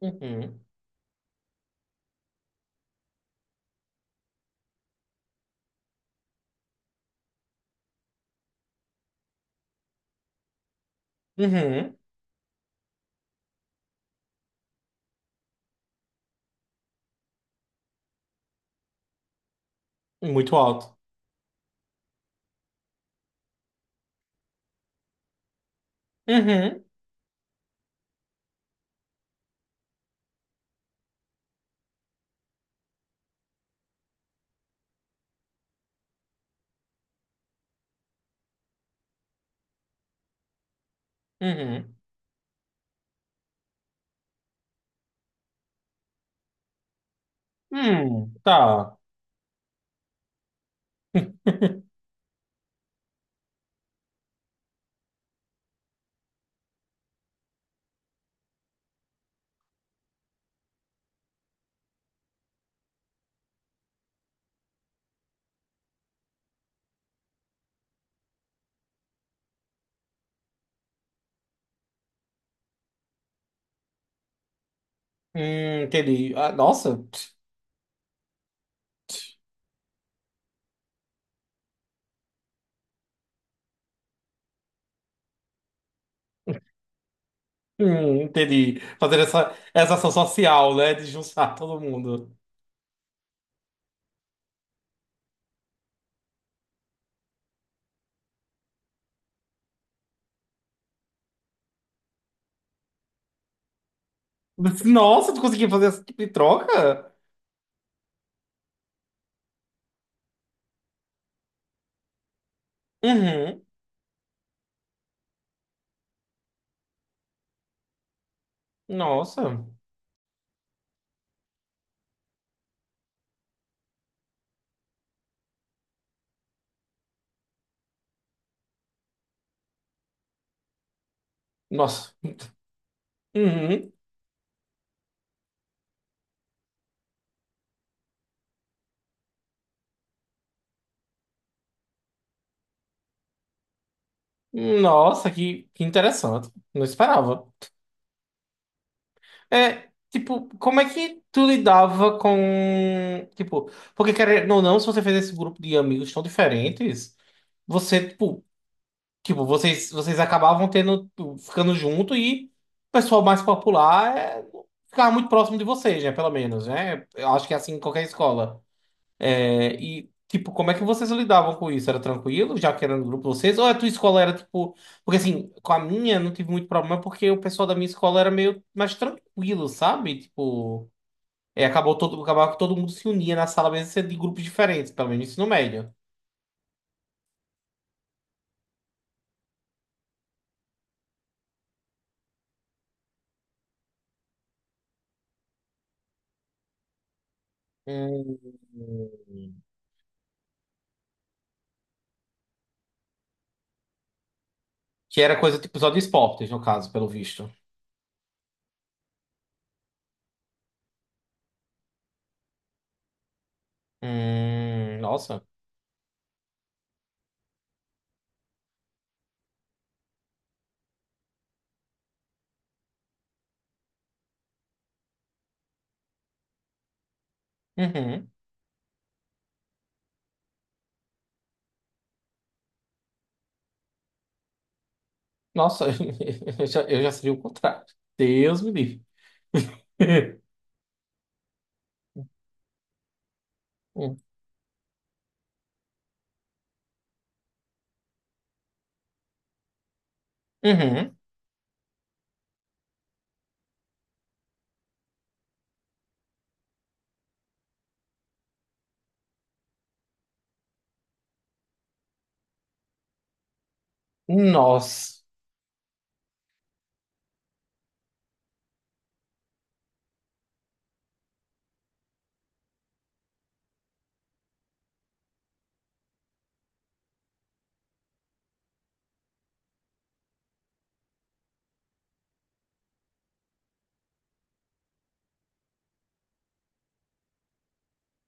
Uhum. Uhum. Uhum. Muito alto. Uhum. Uhum. Tá. Entendi. Ah, nossa. Entendi. Fazer essa ação social, né? De juntar todo mundo. Nossa, tu conseguiu fazer esse tipo de troca? Uhum. Nossa. Nossa. Uhum. Nossa, que interessante. Não esperava. É, tipo, como é que tu lidava com, tipo, porque querendo ou não, se você fez esse grupo de amigos tão diferentes, você, tipo, tipo, vocês acabavam tendo, tipo, ficando junto e o pessoal mais popular é, ficava muito próximo de vocês, né, pelo menos, né? Eu acho que é assim em qualquer escola. É, e, tipo, como é que vocês lidavam com isso? Era tranquilo, já que era no grupo de vocês? Ou a tua escola era, tipo... Porque, assim, com a minha não tive muito problema, porque o pessoal da minha escola era meio mais tranquilo, sabe? Tipo... É, acabou todo, acabava que todo mundo se unia na sala mesmo, sendo de grupos diferentes, pelo menos no ensino médio. Hum. Que era coisa, tipo, só de esportes, no caso, pelo visto. Nossa. Uhum. Nossa, eu já seria o contrário. Deus me livre. Uhum. Nossa.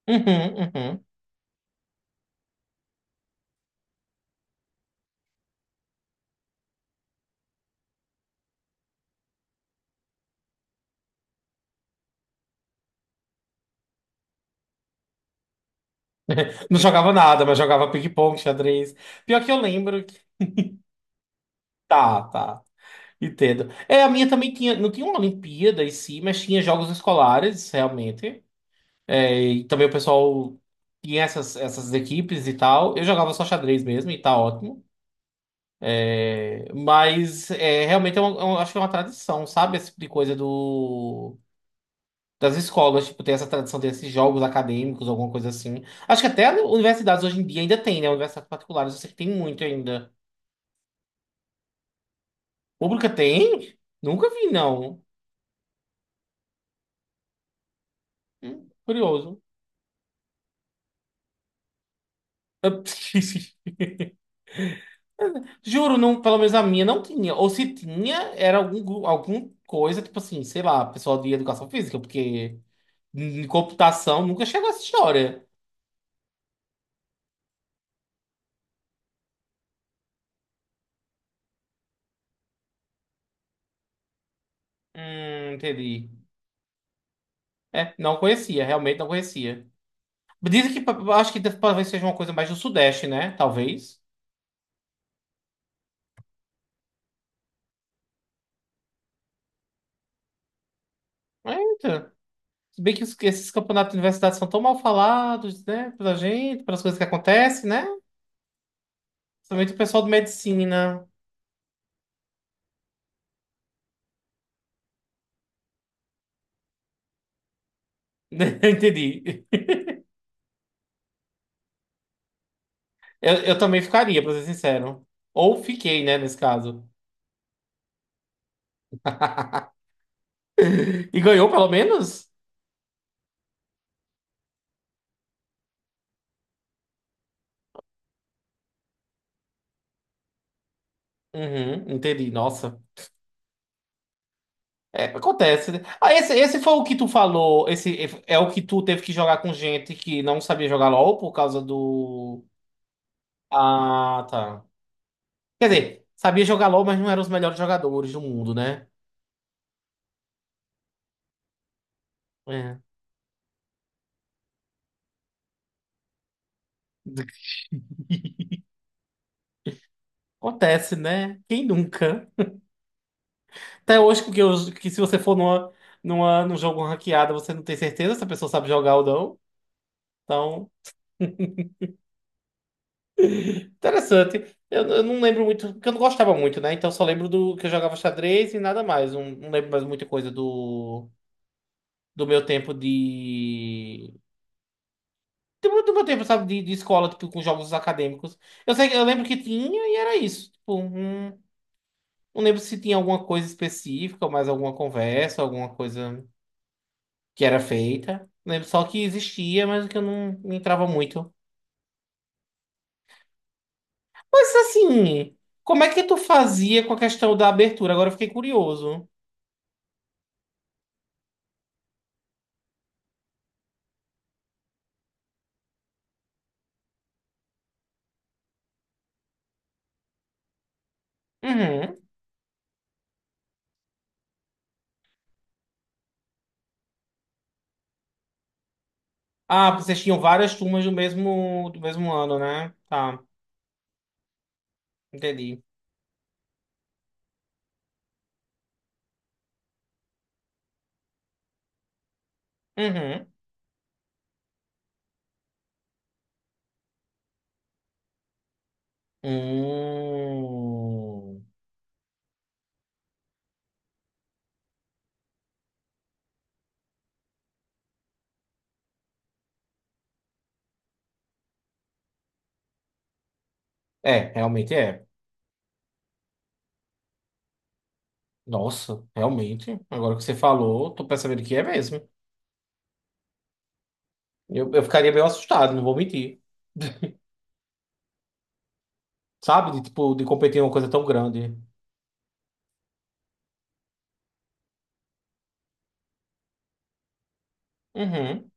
Uhum, uhum. Não jogava nada, mas jogava ping-pong, xadrez. Pior que eu lembro que. Tá, tá. Entendo. É, a minha também tinha. Não tinha uma Olimpíada em si, mas tinha jogos escolares, realmente. É, e também o pessoal tinha essas equipes e tal. Eu jogava só xadrez mesmo e tá ótimo. É, mas é, realmente eu acho que é uma tradição, sabe? Esse tipo de coisa do. Das escolas, tipo, tem essa tradição desses jogos acadêmicos, alguma coisa assim. Acho que até universidades hoje em dia ainda tem, né? Universidades particulares, eu sei que tem muito ainda. Pública tem? Nunca vi, não. Curioso. Eu- Juro, não, pelo menos a minha não tinha. Ou se tinha, era algum, gru- algum coisa, tipo assim, sei lá, pessoal de educação física, porque em computação nunca chegou essa história. Entendi. É, não conhecia, realmente não conhecia. Dizem que pa- acho que deve- talvez seja uma coisa mais do Sudeste, né? Talvez. Eita. Se bem que os- esses campeonatos de universidade são tão mal falados, né? Pela gente, pelas coisas que acontecem, né? Principalmente o pessoal de medicina. Entendi. Eu também ficaria, pra ser sincero. Ou fiquei, né, nesse caso. E ganhou pelo menos? Uhum, entendi. Nossa. É, acontece, né? Ah, esse foi o que tu falou. Esse é o que tu teve que jogar com gente que não sabia jogar LOL por causa do. Ah, tá. Quer dizer, sabia jogar LOL, mas não eram os melhores jogadores do mundo, né? É. Acontece, né? Quem nunca? Até hoje, porque eu- que se você for numa, numa, num jogo ranqueado, você não tem certeza se a pessoa sabe jogar ou não. Então, interessante. Eu não lembro muito, porque eu não gostava muito, né? Então, só lembro do que eu jogava xadrez e nada mais. Não, não lembro mais muita coisa do, do meu tempo de. Do, do meu tempo, sabe, de escola, tipo, com jogos acadêmicos. Eu sei, que- eu lembro que tinha e era isso. Tipo, não, não lembro se tinha alguma coisa específica, ou mais alguma conversa, alguma coisa. Que era feita, né? Só que existia, mas que eu não entrava muito. Mas assim, como é que tu fazia com a questão da abertura? Agora eu fiquei curioso. Uhum. Ah, vocês tinham várias turmas do mesmo ano, né? Tá, entendi. Uhum. Hum. É, realmente é. Nossa, realmente. Agora que você falou, tô percebendo que é mesmo. Eu ficaria meio assustado, não vou mentir. Sabe? De, tipo, de competir em uma coisa tão grande. Uhum.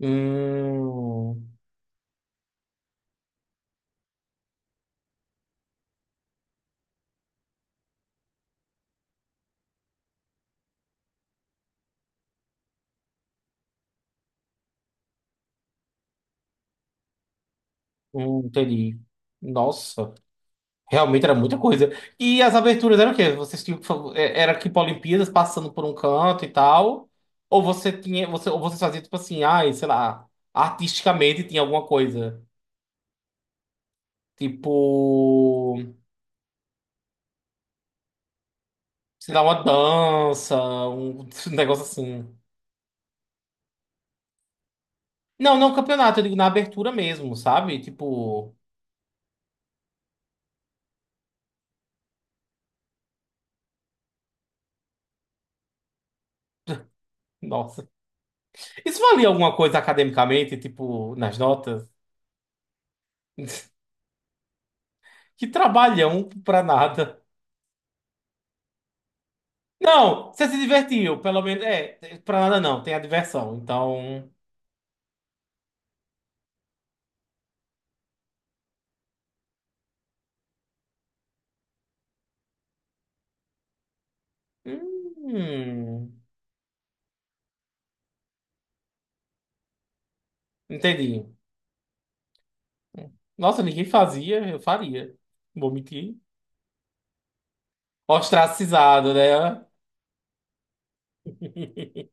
Hum, entendi. Nossa, realmente era muita coisa. E as aberturas eram o quê? Vocês tinham que fa- é- era tipo Olimpíadas passando por um canto e tal? Ou você tinha, você, ou você fazia tipo assim, ai, sei lá, artisticamente tinha alguma coisa. Tipo, sei lá, uma dança, um, um negócio assim. Não, não campeonato, eu digo na abertura mesmo, sabe? Tipo, nossa. Isso valia alguma coisa academicamente, tipo, nas notas? Que trabalhão pra nada. Não, você se divertiu, pelo menos. É, pra nada não, tem a diversão. Então. Hum, entendi. Nossa, ninguém fazia, eu faria. Não vou mentir. Ostracizado, né?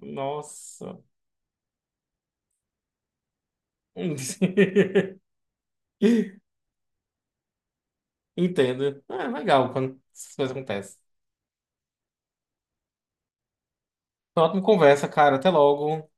Nossa. Entendo. É legal quando essas coisas acontecem. Foi uma ótima conversa, cara. Até logo.